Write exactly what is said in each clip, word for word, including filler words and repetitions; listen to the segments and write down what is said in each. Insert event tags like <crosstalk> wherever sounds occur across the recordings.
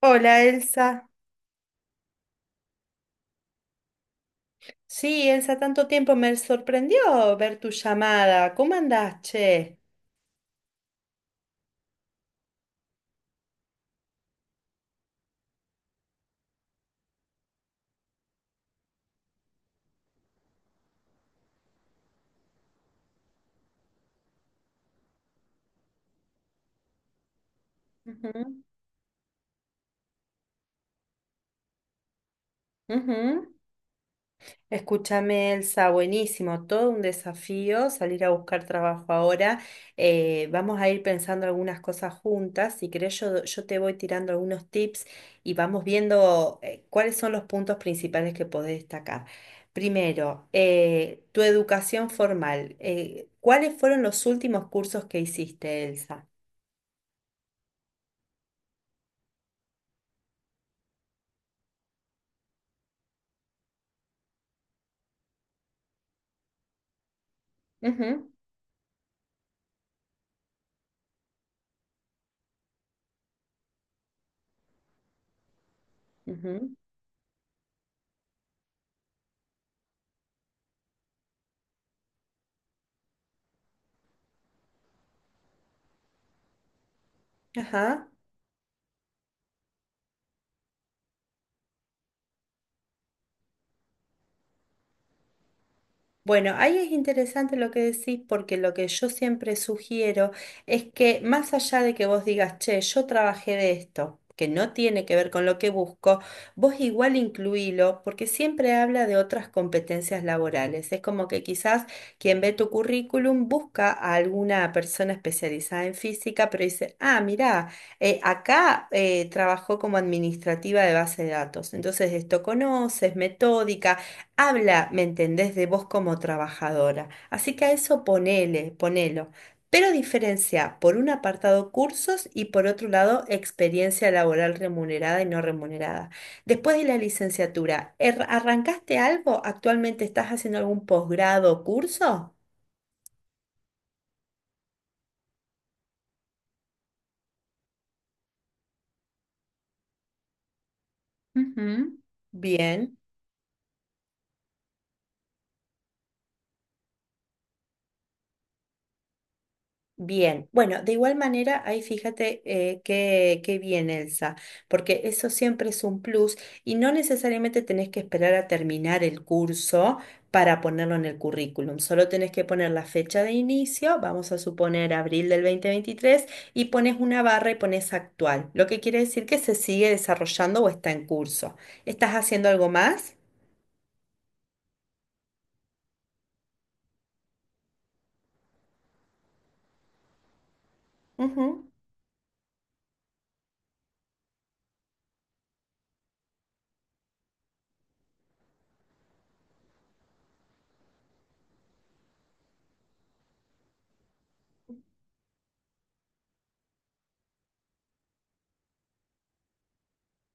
Hola Elsa. Sí, Elsa, tanto tiempo me sorprendió ver tu llamada. ¿Cómo andás, che? Ujú, ujú. Escúchame, Elsa, buenísimo, todo un desafío salir a buscar trabajo ahora. Eh, vamos a ir pensando algunas cosas juntas. Si querés, yo, yo te voy tirando algunos tips y vamos viendo eh, cuáles son los puntos principales que podés destacar. Primero, eh, tu educación formal. Eh, ¿cuáles fueron los últimos cursos que hiciste, Elsa? Ujú, ujú. Ajá. Bueno, ahí es interesante lo que decís porque lo que yo siempre sugiero es que más allá de que vos digas, che, yo trabajé de esto, que no tiene que ver con lo que busco, vos igual incluílo porque siempre habla de otras competencias laborales. Es como que quizás quien ve tu currículum busca a alguna persona especializada en física, pero dice, ah, mirá, eh, acá eh, trabajó como administrativa de base de datos, entonces esto conoces, metódica habla, ¿me entendés?, de vos como trabajadora. Así que a eso ponele, ponelo. Pero diferencia por un apartado cursos y por otro lado experiencia laboral remunerada y no remunerada. Después de la licenciatura, ¿er- ¿arrancaste algo? ¿Actualmente estás haciendo algún posgrado o curso? Ujú. Bien. Bien, bueno, de igual manera, ahí fíjate eh, qué, qué bien, Elsa, porque eso siempre es un plus y no necesariamente tenés que esperar a terminar el curso para ponerlo en el currículum, solo tenés que poner la fecha de inicio, vamos a suponer abril del dos mil veintitrés, y pones una barra y pones actual, lo que quiere decir que se sigue desarrollando o está en curso. ¿Estás haciendo algo más? Ujú.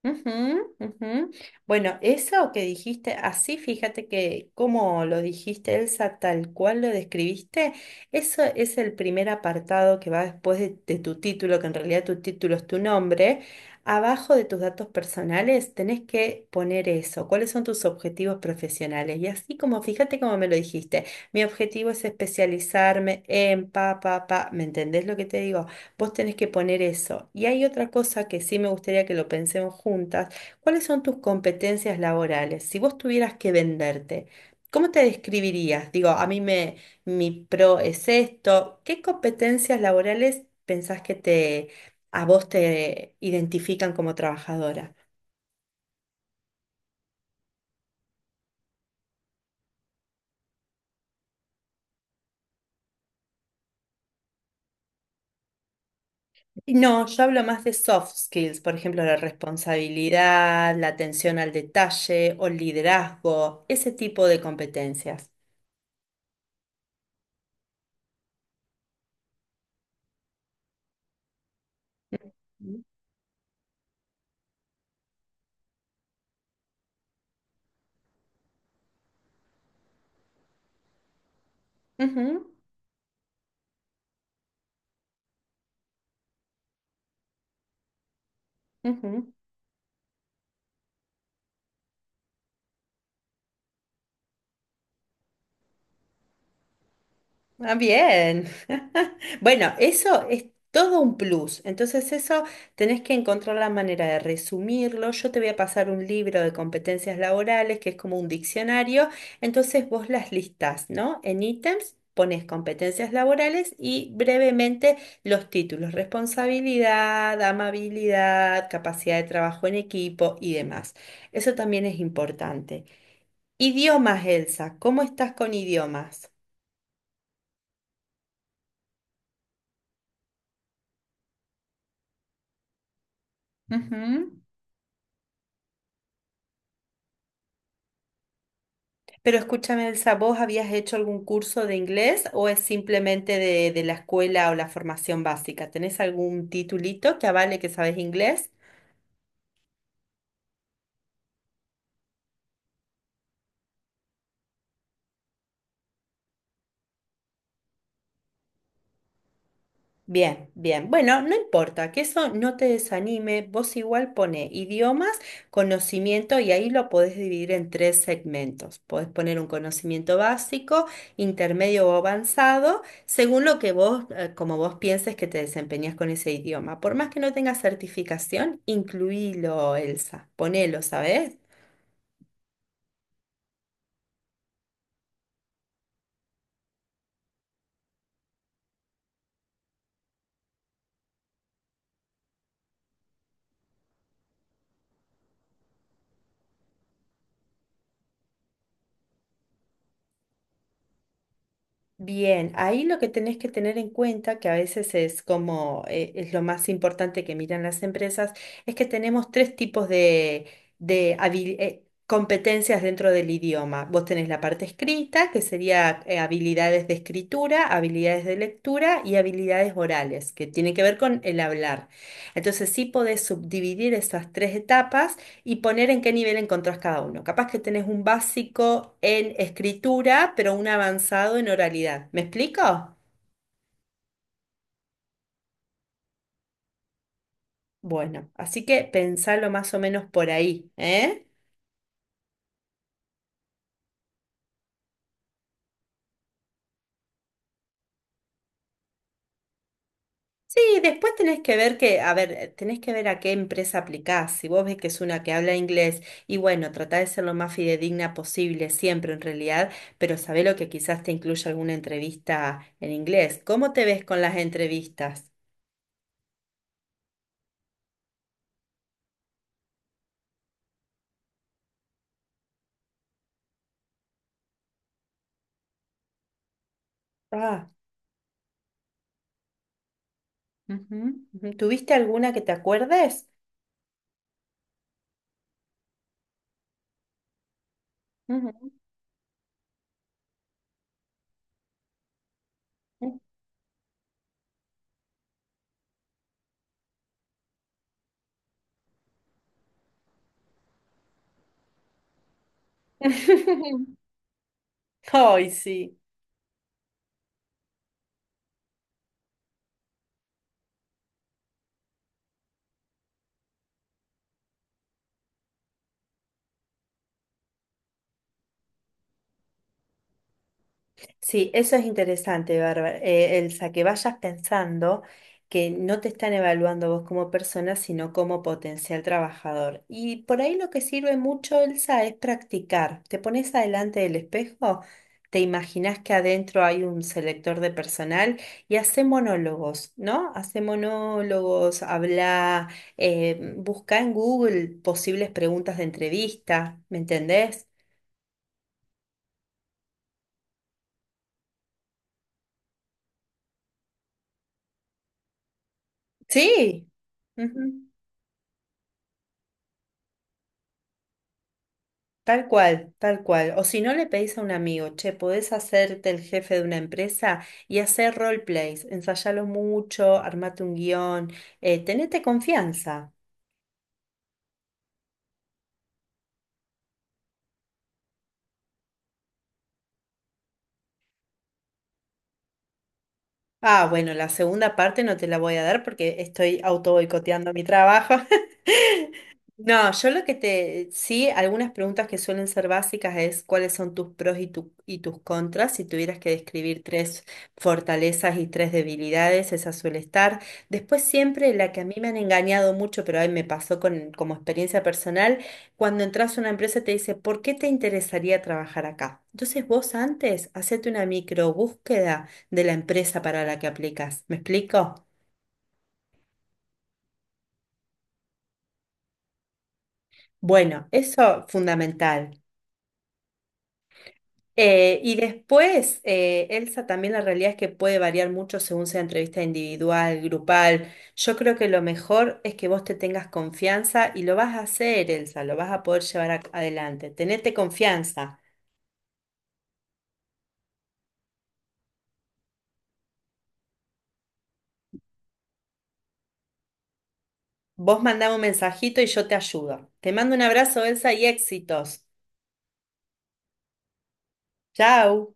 Ujú, ujú. Bueno, eso que dijiste, así fíjate que como lo dijiste, Elsa, tal cual lo describiste, eso es el primer apartado que va después de, de tu título, que en realidad tu título es tu nombre. Abajo de tus datos personales tenés que poner eso, cuáles son tus objetivos profesionales. Y así como, fíjate como me lo dijiste, mi objetivo es especializarme en pa, pa, pa, ¿me entendés lo que te digo? Vos tenés que poner eso. Y hay otra cosa que sí me gustaría que lo pensemos juntas. ¿Cuáles son tus competencias laborales? Si vos tuvieras que venderte, ¿cómo te describirías? Digo, a mí me, mi pro es esto. ¿Qué competencias laborales pensás que te, a vos te identifican como trabajadora? Y no, yo hablo más de soft skills, por ejemplo, la responsabilidad, la atención al detalle o el liderazgo, ese tipo de competencias. Ujú. Ujú. Ah, bien. <laughs> Bueno, eso es todo un plus. Entonces eso tenés que encontrar la manera de resumirlo. Yo te voy a pasar un libro de competencias laborales que es como un diccionario. Entonces vos las listás, ¿no? En ítems pones competencias laborales y brevemente los títulos, responsabilidad, amabilidad, capacidad de trabajo en equipo y demás. Eso también es importante. Idiomas, Elsa, ¿cómo estás con idiomas? Ujú. Pero escúchame, Elsa, ¿vos habías hecho algún curso de inglés o es simplemente de, de la escuela o la formación básica? ¿Tenés algún titulito que avale que sabes inglés? Bien, bien. Bueno, no importa, que eso no te desanime. Vos igual pone idiomas, conocimiento y ahí lo podés dividir en tres segmentos. Podés poner un conocimiento básico, intermedio o avanzado, según lo que vos, eh, como vos pienses que te desempeñas con ese idioma. Por más que no tengas certificación, incluílo, Elsa. Ponelo, ¿sabes? Bien, ahí lo que tenés que tener en cuenta, que a veces es como eh, es lo más importante que miran las empresas, es que tenemos tres tipos de, de habil- eh, competencias dentro del idioma. Vos tenés la parte escrita, que sería eh, habilidades de escritura, habilidades de lectura y habilidades orales, que tienen que ver con el hablar. Entonces sí podés subdividir esas tres etapas y poner en qué nivel encontrás cada uno. Capaz que tenés un básico en escritura, pero un avanzado en oralidad. ¿Me explico? Bueno, así que pensalo más o menos por ahí, ¿eh? Sí, después tenés que ver que, a ver, tenés que ver a qué empresa aplicás. Si vos ves que es una que habla inglés, y bueno, tratá de ser lo más fidedigna posible, siempre en realidad, pero sabé lo que quizás te incluya alguna entrevista en inglés. ¿Cómo te ves con las entrevistas? Ah, ujú, ujú. ¿Tuviste alguna que te acuerdes? Ujú. <laughs> Ay, sí. Sí, eso es interesante, Bárbara. Eh, el que vayas pensando que no te están evaluando vos como persona, sino como potencial trabajador. Y por ahí lo que sirve mucho, Elsa, es practicar. Te pones adelante del espejo, te imaginas que adentro hay un selector de personal y hace monólogos, ¿no? Hace monólogos, habla, eh, busca en Google posibles preguntas de entrevista, ¿me entendés? Sí, ujú, tal cual, tal cual. O si no le pedís a un amigo, che, podés hacerte el jefe de una empresa y hacer roleplays, ensayalo mucho, armate un guión, eh, tenete confianza. Ah, bueno, la segunda parte no te la voy a dar porque estoy auto boicoteando mi trabajo. <laughs> No, yo lo que te, sí, algunas preguntas que suelen ser básicas es cuáles son tus pros y, tu- y tus contras. Si tuvieras que describir tres fortalezas y tres debilidades, esa suele estar. Después siempre la que a mí me han engañado mucho, pero ahí me pasó con, como experiencia personal, cuando entras a una empresa te dice, ¿por qué te interesaría trabajar acá? Entonces vos antes, hacete una micro búsqueda de la empresa para la que aplicas. ¿Me explico? Bueno, eso fundamental. Eh, y después, eh, Elsa, también la realidad es que puede variar mucho según sea entrevista individual, grupal. Yo creo que lo mejor es que vos te tengas confianza y lo vas a hacer, Elsa, lo vas a poder llevar a- adelante. Tenete confianza. Vos mandame un mensajito y yo te ayudo. Te mando un abrazo, Elsa, y éxitos. Chau.